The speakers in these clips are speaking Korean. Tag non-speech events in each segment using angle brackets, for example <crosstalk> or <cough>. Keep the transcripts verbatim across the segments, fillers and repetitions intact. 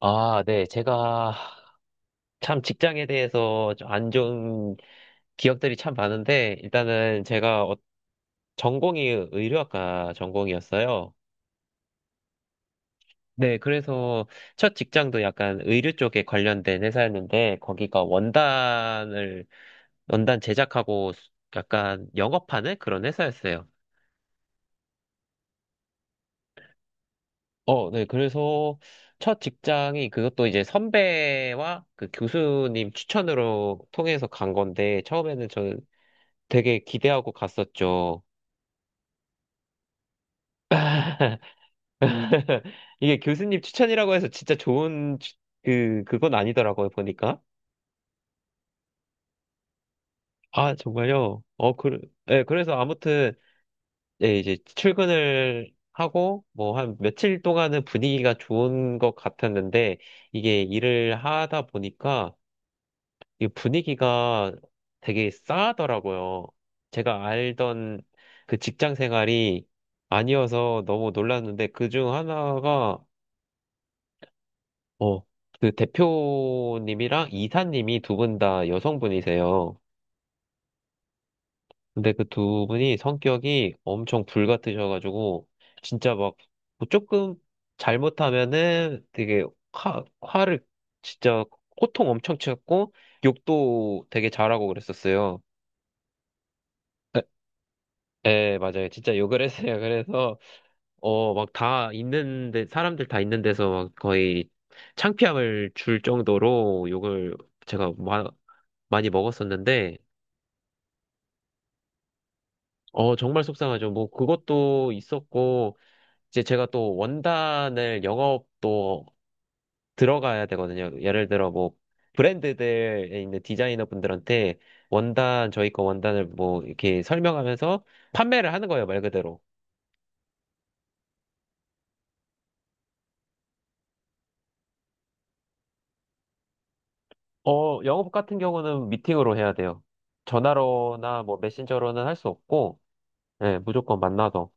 아, 네. 제가 참 직장에 대해서 좀안 좋은 기억들이 참 많은데, 일단은 제가 어- 전공이 의료학과 전공이었어요. 네, 그래서 첫 직장도 약간 의료 쪽에 관련된 회사였는데, 거기가 원단을, 원단 제작하고 수- 약간 영업하는 그런 회사였어요. 어, 네, 그래서 첫 직장이 그것도 이제 선배와 그 교수님 추천으로 통해서 간 건데, 처음에는 저는 되게 기대하고 갔었죠. <laughs> 음. 이게 교수님 추천이라고 해서 진짜 좋은 추- 그 그건 아니더라고요 보니까. 아, 정말요? 어, 그, 예, 그래서 아무튼 예, 이제 출근을 하고 뭐 한 며칠 동안은 분위기가 좋은 것 같았는데, 이게 일을 하다 보니까 이 분위기가 되게 싸하더라고요. 제가 알던 그 직장 생활이 아니어서 너무 놀랐는데, 그 중 하나가 어, 그 대표님이랑 이사님이 두 분 다 여성분이세요. 근데 그 두 분이 성격이 엄청 불같으셔가지고, 진짜 막뭐 조금 잘못하면은 되게 화, 화를 진짜 호통 엄청 치고, 욕도 되게 잘하고 그랬었어요. 에, 에, 맞아요. 진짜 욕을 했어요. 그래서 어, 막 다 있는데, 사람들 다 있는 데서 막 거의 창피함을 줄 정도로 욕을 제가 많이 먹었었는데, 어, 정말 속상하죠. 뭐, 그것도 있었고, 이제 제가 또 원단을 영업도 들어가야 되거든요. 예를 들어, 뭐, 브랜드들에 있는 디자이너 분들한테 원단, 저희 거 원단을 뭐, 이렇게 설명하면서 판매를 하는 거예요, 말 그대로. 어, 영업 같은 경우는 미팅으로 해야 돼요. 전화로나 뭐, 메신저로는 할 수 없고, 예, 무조건 만나서.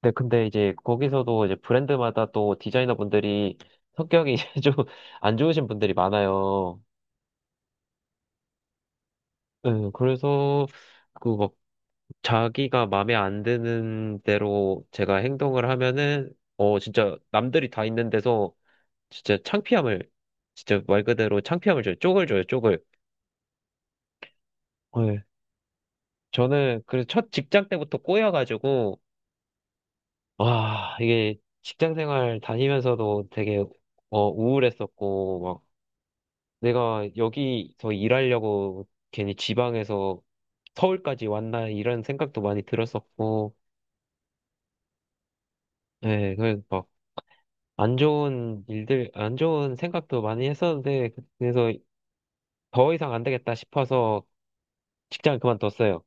네, 근데 이제 거기서도 이제 브랜드마다 또 디자이너분들이 성격이 <laughs> 좀 안 좋으신 분들이 많아요. 네, 그래서 그 막 자기가 마음에 안 드는 대로 제가 행동을 하면은 어 진짜 남들이 다 있는 데서 진짜 창피함을 진짜 말 그대로 창피함을 줘요. 쪽을 줘요, 쪽을. 네. 저는 그래서 첫 직장 때부터 꼬여가지고 와 이게 직장 생활 다니면서도 되게 어 우울했었고, 내가 여기서 일하려고 괜히 지방에서 서울까지 왔나 이런 생각도 많이 들었었고, 예, 그래서 막안 좋은 일들, 안 좋은 생각도 많이 했었는데, 그래서 더 이상 안 되겠다 싶어서 직장을 그만뒀어요.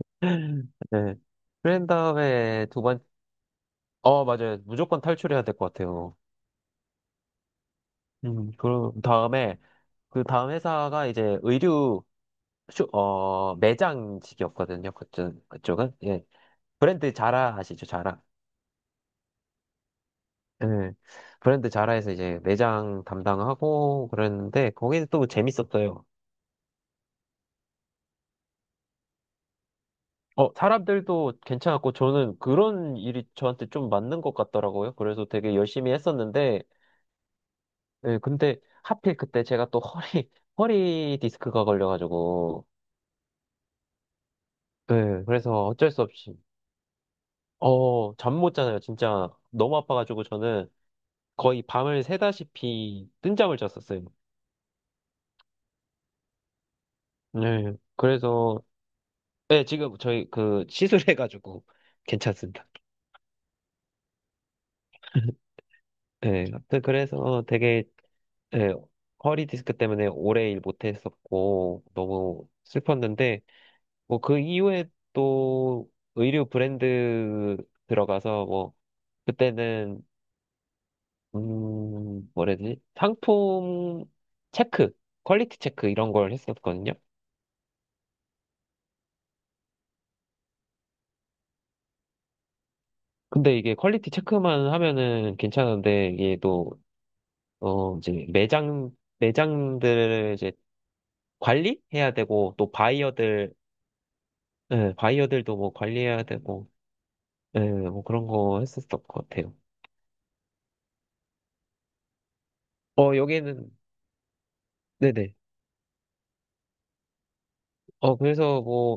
<laughs> 네. 그런 다음에 두 번, 어, 맞아요. 무조건 탈출해야 될 것 같아요. 음, 그 다음에, 그 다음 회사가 이제 의류, 쇼, 어, 매장직이었거든요. 그쪽, 그쪽은. 예. 브랜드 자라 아시죠? 자라. 예. 브랜드 자라에서 이제 매장 담당하고 그랬는데 거기는 또 재밌었어요. 어, 사람들도 괜찮았고 저는 그런 일이 저한테 좀 맞는 것 같더라고요. 그래서 되게 열심히 했었는데 예, 근데 하필 그때 제가 또 허리 <laughs> 허리 디스크가 걸려가지고 예, 그래서 어쩔 수 없이 어, 잠 못 자요. 진짜 너무 아파가지고 저는 거의 밤을 새다시피 뜬 잠을 잤었어요. 네, 그래서 네, 지금 저희 그 시술해가지고 <laughs> 괜찮습니다. 네, 튼 그래서 되게 네, 허리 디스크 때문에 오래 일 못했었고 너무 슬펐는데 뭐 그 이후에 또 의류 브랜드 들어가서 뭐 그때는 음 뭐라지 상품 체크 퀄리티 체크 이런 걸 했었거든요. 근데 이게 퀄리티 체크만 하면은 괜찮은데 이게 또 어 이제 매장 매장들 관리해야 되고 또 바이어들 예, 바이어들도 뭐 관리해야 되고 예, 뭐 그런 거 했었을 것 같아요. 어 여기는 네네. 어 그래서 뭐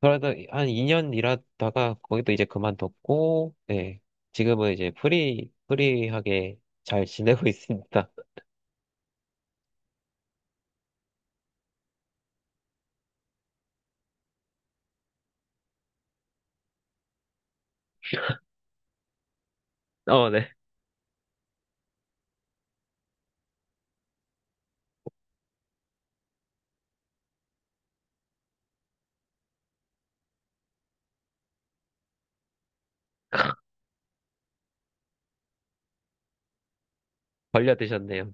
그러다한 이 년 일하다가 거기도 이제 그만뒀고 네 지금은 이제 프리 프리하게 잘 지내고 <laughs> 있습니다. 어 네. 걸려 드셨네요.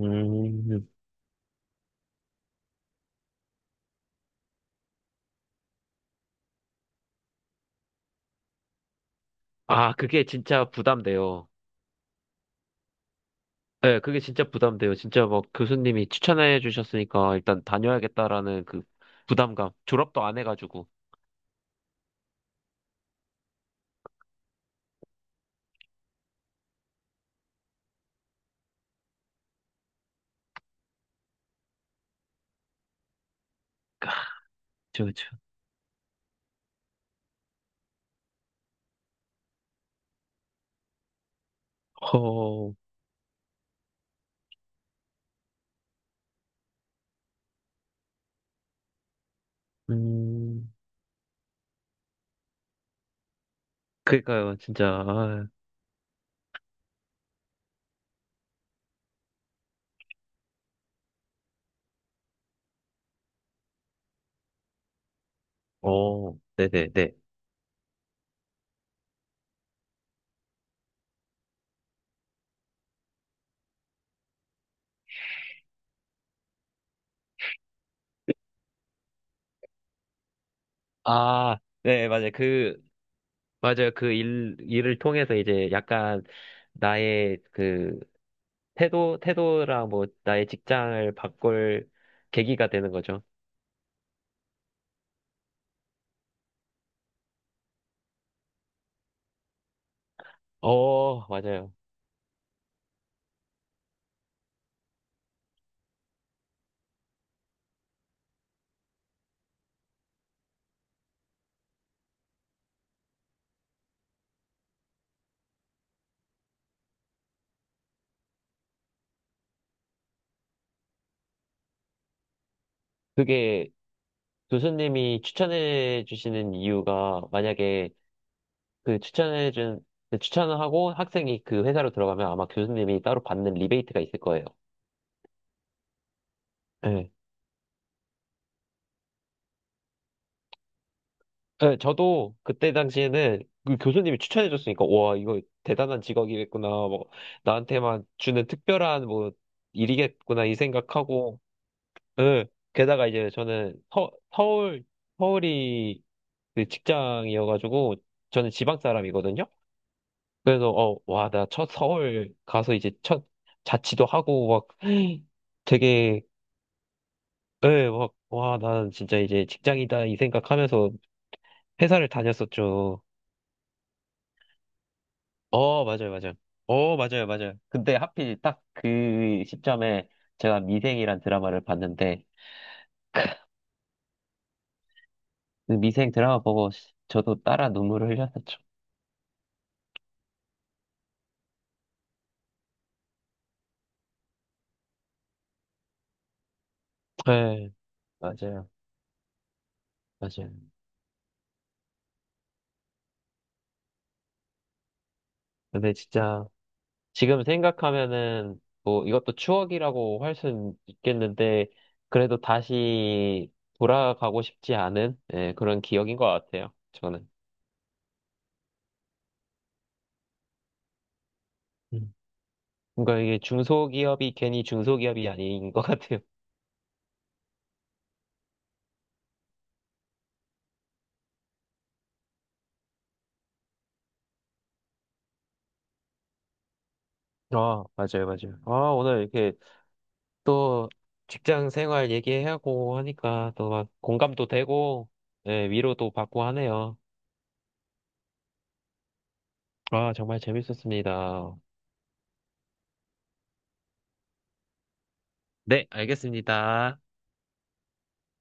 음. 아 그게 진짜 부담돼요. 네, 그게 진짜 부담돼요. 진짜 막 교수님이 추천해 주셨으니까 일단 다녀야겠다라는 그 부담감. 졸업도 안 해가지고. 그쵸, 그쵸. 허, 음, 그니까요, 진짜. 아 어, 네네네. 아, 네, 맞아요. 그, 맞아요. 그 일, 일을 통해서 이제 약간 나의 그 태도, 태도랑 뭐 나의 직장을 바꿀 계기가 되는 거죠. 어, 맞아요. 그게 교수님이 추천해 주시는 이유가 만약에 그 추천해 준, 그 추천을 하고 학생이 그 회사로 들어가면 아마 교수님이 따로 받는 리베이트가 있을 거예요. 네. 네, 저도 그때 당시에는 그 교수님이 추천해 줬으니까 와, 이거 대단한 직업이겠구나. 뭐 나한테만 주는 특별한 뭐 일이겠구나 이 생각하고 네. 게다가 이제 저는 서, 서울 서울이 그 직장이어가지고 저는 지방 사람이거든요. 그래서 어, 와, 나 첫 서울 가서 이제 첫 자취도 하고 막 <gasps> 되게 예, 막 와, 난 진짜 이제 직장이다 이 생각하면서 회사를 다녔었죠. 어, 맞아요, 맞아요. 어, 맞아요, 맞아요. 근데 하필 딱 그 시점에 제가 미생이란 드라마를 봤는데 그 미생 드라마 보고 저도 따라 눈물을 흘렸었죠. 네 맞아요, 맞아요. 근데 진짜 지금 생각하면은 뭐 이것도 추억이라고 할 수는 있겠는데 그래도 다시 돌아가고 싶지 않은 예, 그런 기억인 것 같아요. 저는. 음. 그러니까 이게 중소기업이 괜히 중소기업이 아닌 것 같아요. 아, 맞아요, 맞아요. 아, 오늘 이렇게 또 직장 생활 얘기하고 하니까 또 막 공감도 되고 예, 위로도 받고 하네요. 아, 정말 재밌었습니다. 네, 알겠습니다.